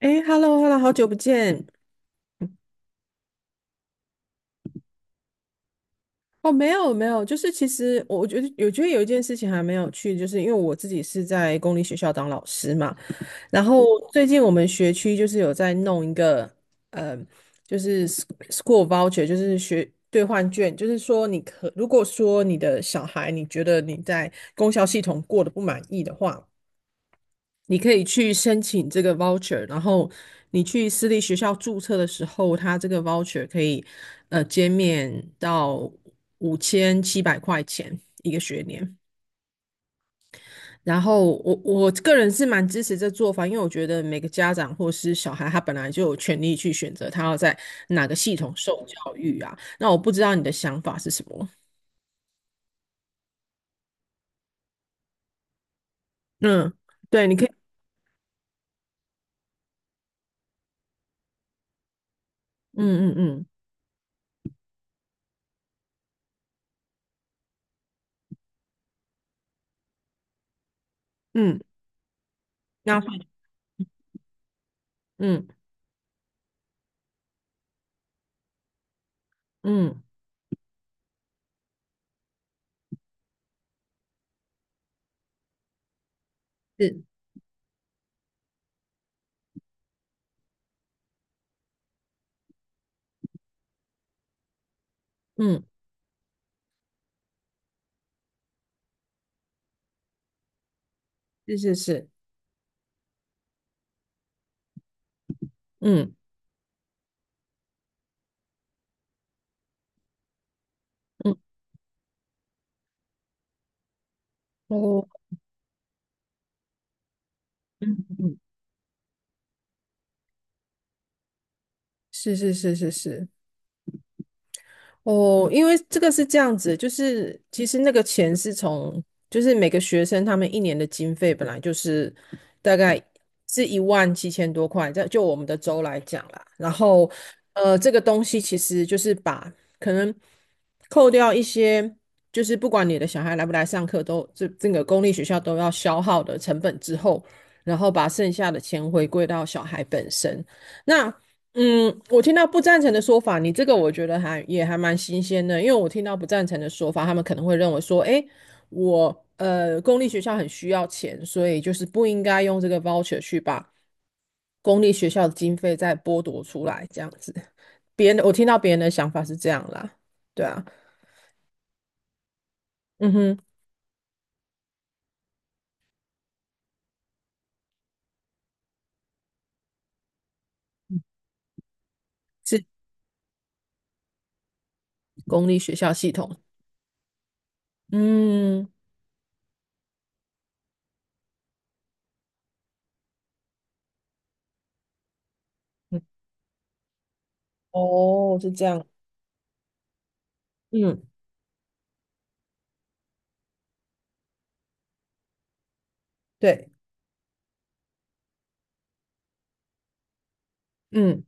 哎 Hello Hello 好久不见。哦，没有没有，就是其实我觉得有一件事情还没有去，就是因为我自己是在公立学校当老师嘛，然后最近我们学区就是有在弄一个，呃，就是 school voucher，就是学兑换券，就是说如果说你的小孩你觉得你在公校系统过得不满意的话。你可以去申请这个 voucher，然后你去私立学校注册的时候，它这个 voucher 可以减免到5700块钱一个学年。然后我个人是蛮支持这做法，因为我觉得每个家长或是小孩，他本来就有权利去选择他要在哪个系统受教育啊。那我不知道你的想法是什么？嗯，对，你可以，嗯嗯嗯嗯，那嗯嗯，是，嗯是是是，嗯。嗯哦，嗯是是是是是，哦，因为这个是这样子，就是其实那个钱是从，就是每个学生他们一年的经费本来就是大概是17,000多块，在就我们的州来讲啦，然后这个东西其实就是把可能扣掉一些，就是不管你的小孩来不来上课都，这个公立学校都要消耗的成本之后，然后把剩下的钱回归到小孩本身。那嗯，我听到不赞成的说法，你这个我觉得还也还蛮新鲜的，因为我听到不赞成的说法，他们可能会认为说，诶，我公立学校很需要钱，所以就是不应该用这个 voucher 去把公立学校的经费再剥夺出来，这样子。别人我听到别人的想法是这样啦，对啊，嗯哼，是公立学校系统，嗯，嗯哦，是这样，嗯，对，嗯，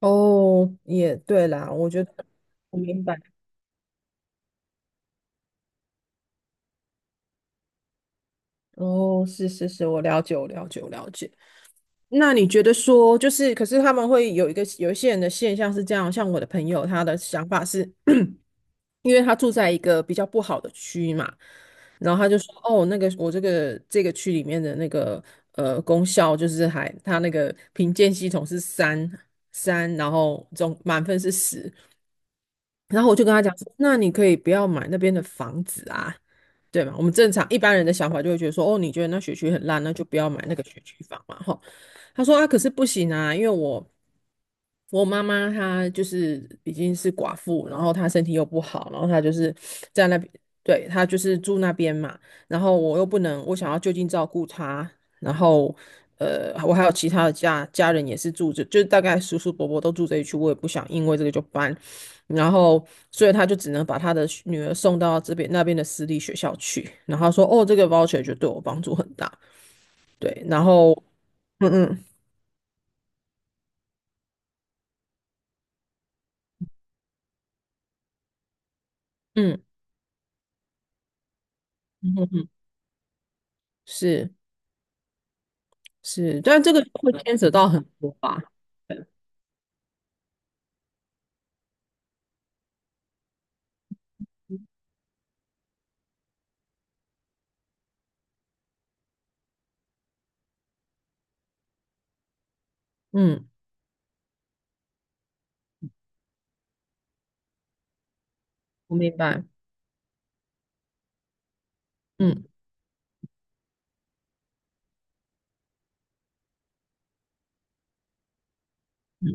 哦，也对啦，我觉得我明白。哦，是是是，我了解，我了解，我了解。那你觉得说，就是，可是他们会有一些人的现象是这样，像我的朋友，他的想法是，因为他住在一个比较不好的区嘛，然后他就说，哦，那个我这个区里面的那个功效就是还他那个评鉴系统是三，然后总满分是十，然后我就跟他讲说那你可以不要买那边的房子啊，对吗？我们正常一般人的想法就会觉得说，哦，你觉得那学区很烂，那就不要买那个学区房嘛，吼。他说啊，可是不行啊，因为我妈妈她就是已经是寡妇，然后她身体又不好，然后她就是在那边，对，她就是住那边嘛，然后我又不能，我想要就近照顾她，然后。我还有其他的家人也是住着，就是大概叔叔伯伯都住这一区，我也不想因为这个就搬。然后所以他就只能把他的女儿送到这边那边的私立学校去。然后他说，哦，这个 voucher 就对我帮助很大。对，然后嗯嗯嗯嗯嗯嗯，是是，但这个会牵扯到很多吧？嗯，我明白。嗯。嗯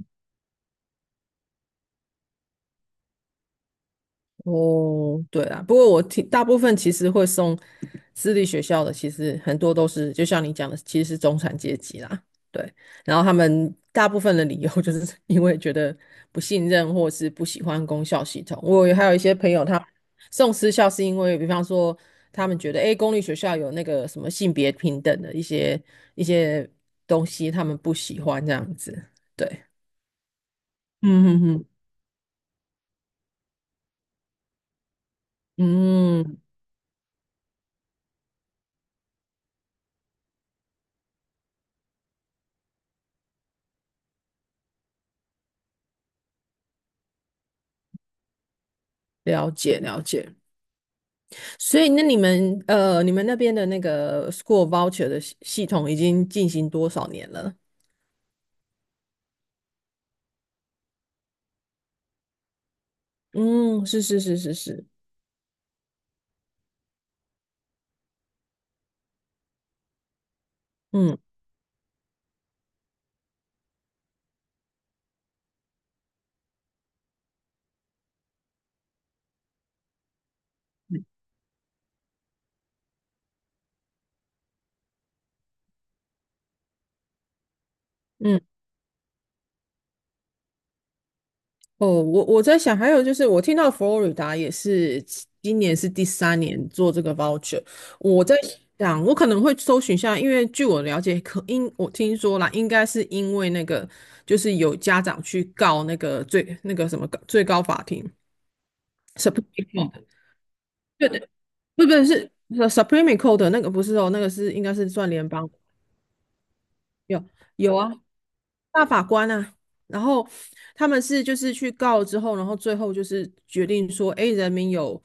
哦，对啊，不过我听大部分其实会送私立学校的，其实很多都是就像你讲的，其实是中产阶级啦。对，然后他们大部分的理由 就是因为觉得不信任或是不喜欢公校系统。我还有一些朋友他送私校是因为，比方说他们觉得，诶，公立学校有那个什么性别平等的一些东西，他们不喜欢这样子。对，嗯嗯嗯嗯，了解了解。所以那你们你们那边的那个 school voucher 的系统已经进行多少年了？嗯，是是是是是，嗯嗯哦，我在想，还有就是我听到佛罗里达也是今年是第三年做这个 voucher，我在想，我可能会搜寻一下，因为据我了解，可因我听说啦，应该是因为那个就是有家长去告那个最那个什么最高法庭 s u p r 不是Supreme Court 的那个不是哦，那个是应该是算联邦的有有啊，大法官啊，然后他们是就是去告之后，然后最后就是决定说，哎，人民有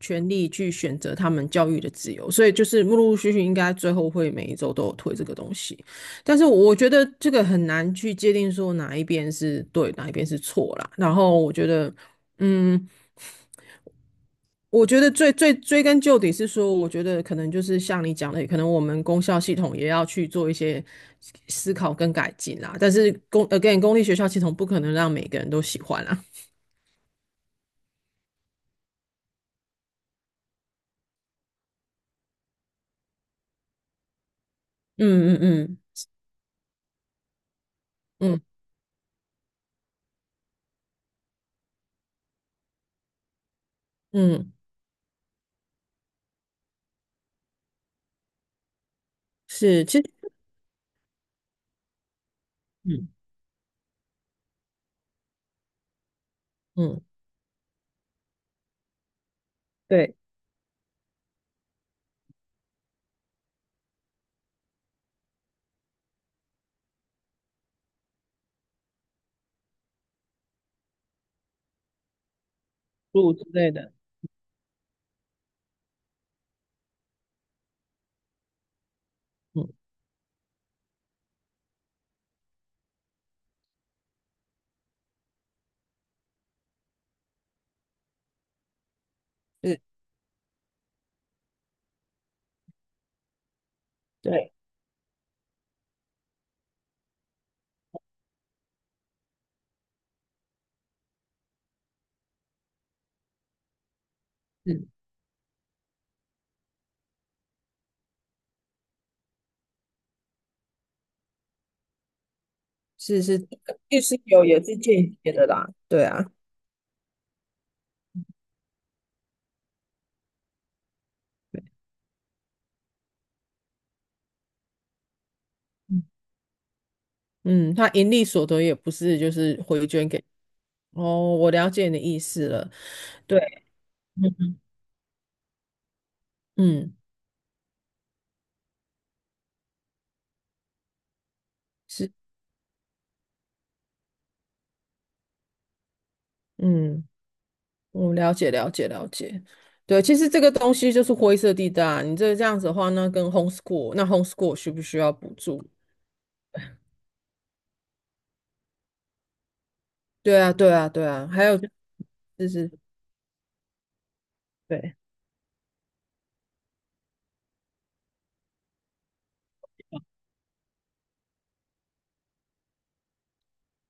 权利去选择他们教育的自由，所以就是陆陆续续应该最后会每一周都有推这个东西，但是我觉得这个很难去界定说哪一边是对，哪一边是错啦，然后我觉得。嗯，我觉得最追根究底是说，我觉得可能就是像你讲的，可能我们公校系统也要去做一些思考跟改进啦。但是公立学校系统不可能让每个人都喜欢啦。嗯嗯嗯嗯嗯，是，其实嗯嗯，对，路之类的，嗯，是，对，嗯，是是，律师有也是间接的啦，对啊，对嗯，嗯，他盈利所得也不是就是回捐给，哦，我了解你的意思了，对，嗯。是。嗯，我了解了解了解。对，其实这个东西就是灰色地带啊你这样子的话，那跟 homeschool，那 homeschool 需不需要补助？对啊，对啊，对啊。还有就是，对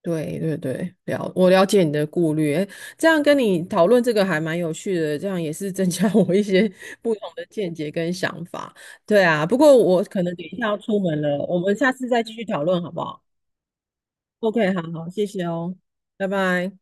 对对对，了，我了解你的顾虑。诶这样跟你讨论这个还蛮有趣的，这样也是增加 我一些不同的见解跟想法。对啊，不过我可能等一下要出门了，我们下次再继续讨论好不好？OK，好好，谢谢哦，拜拜。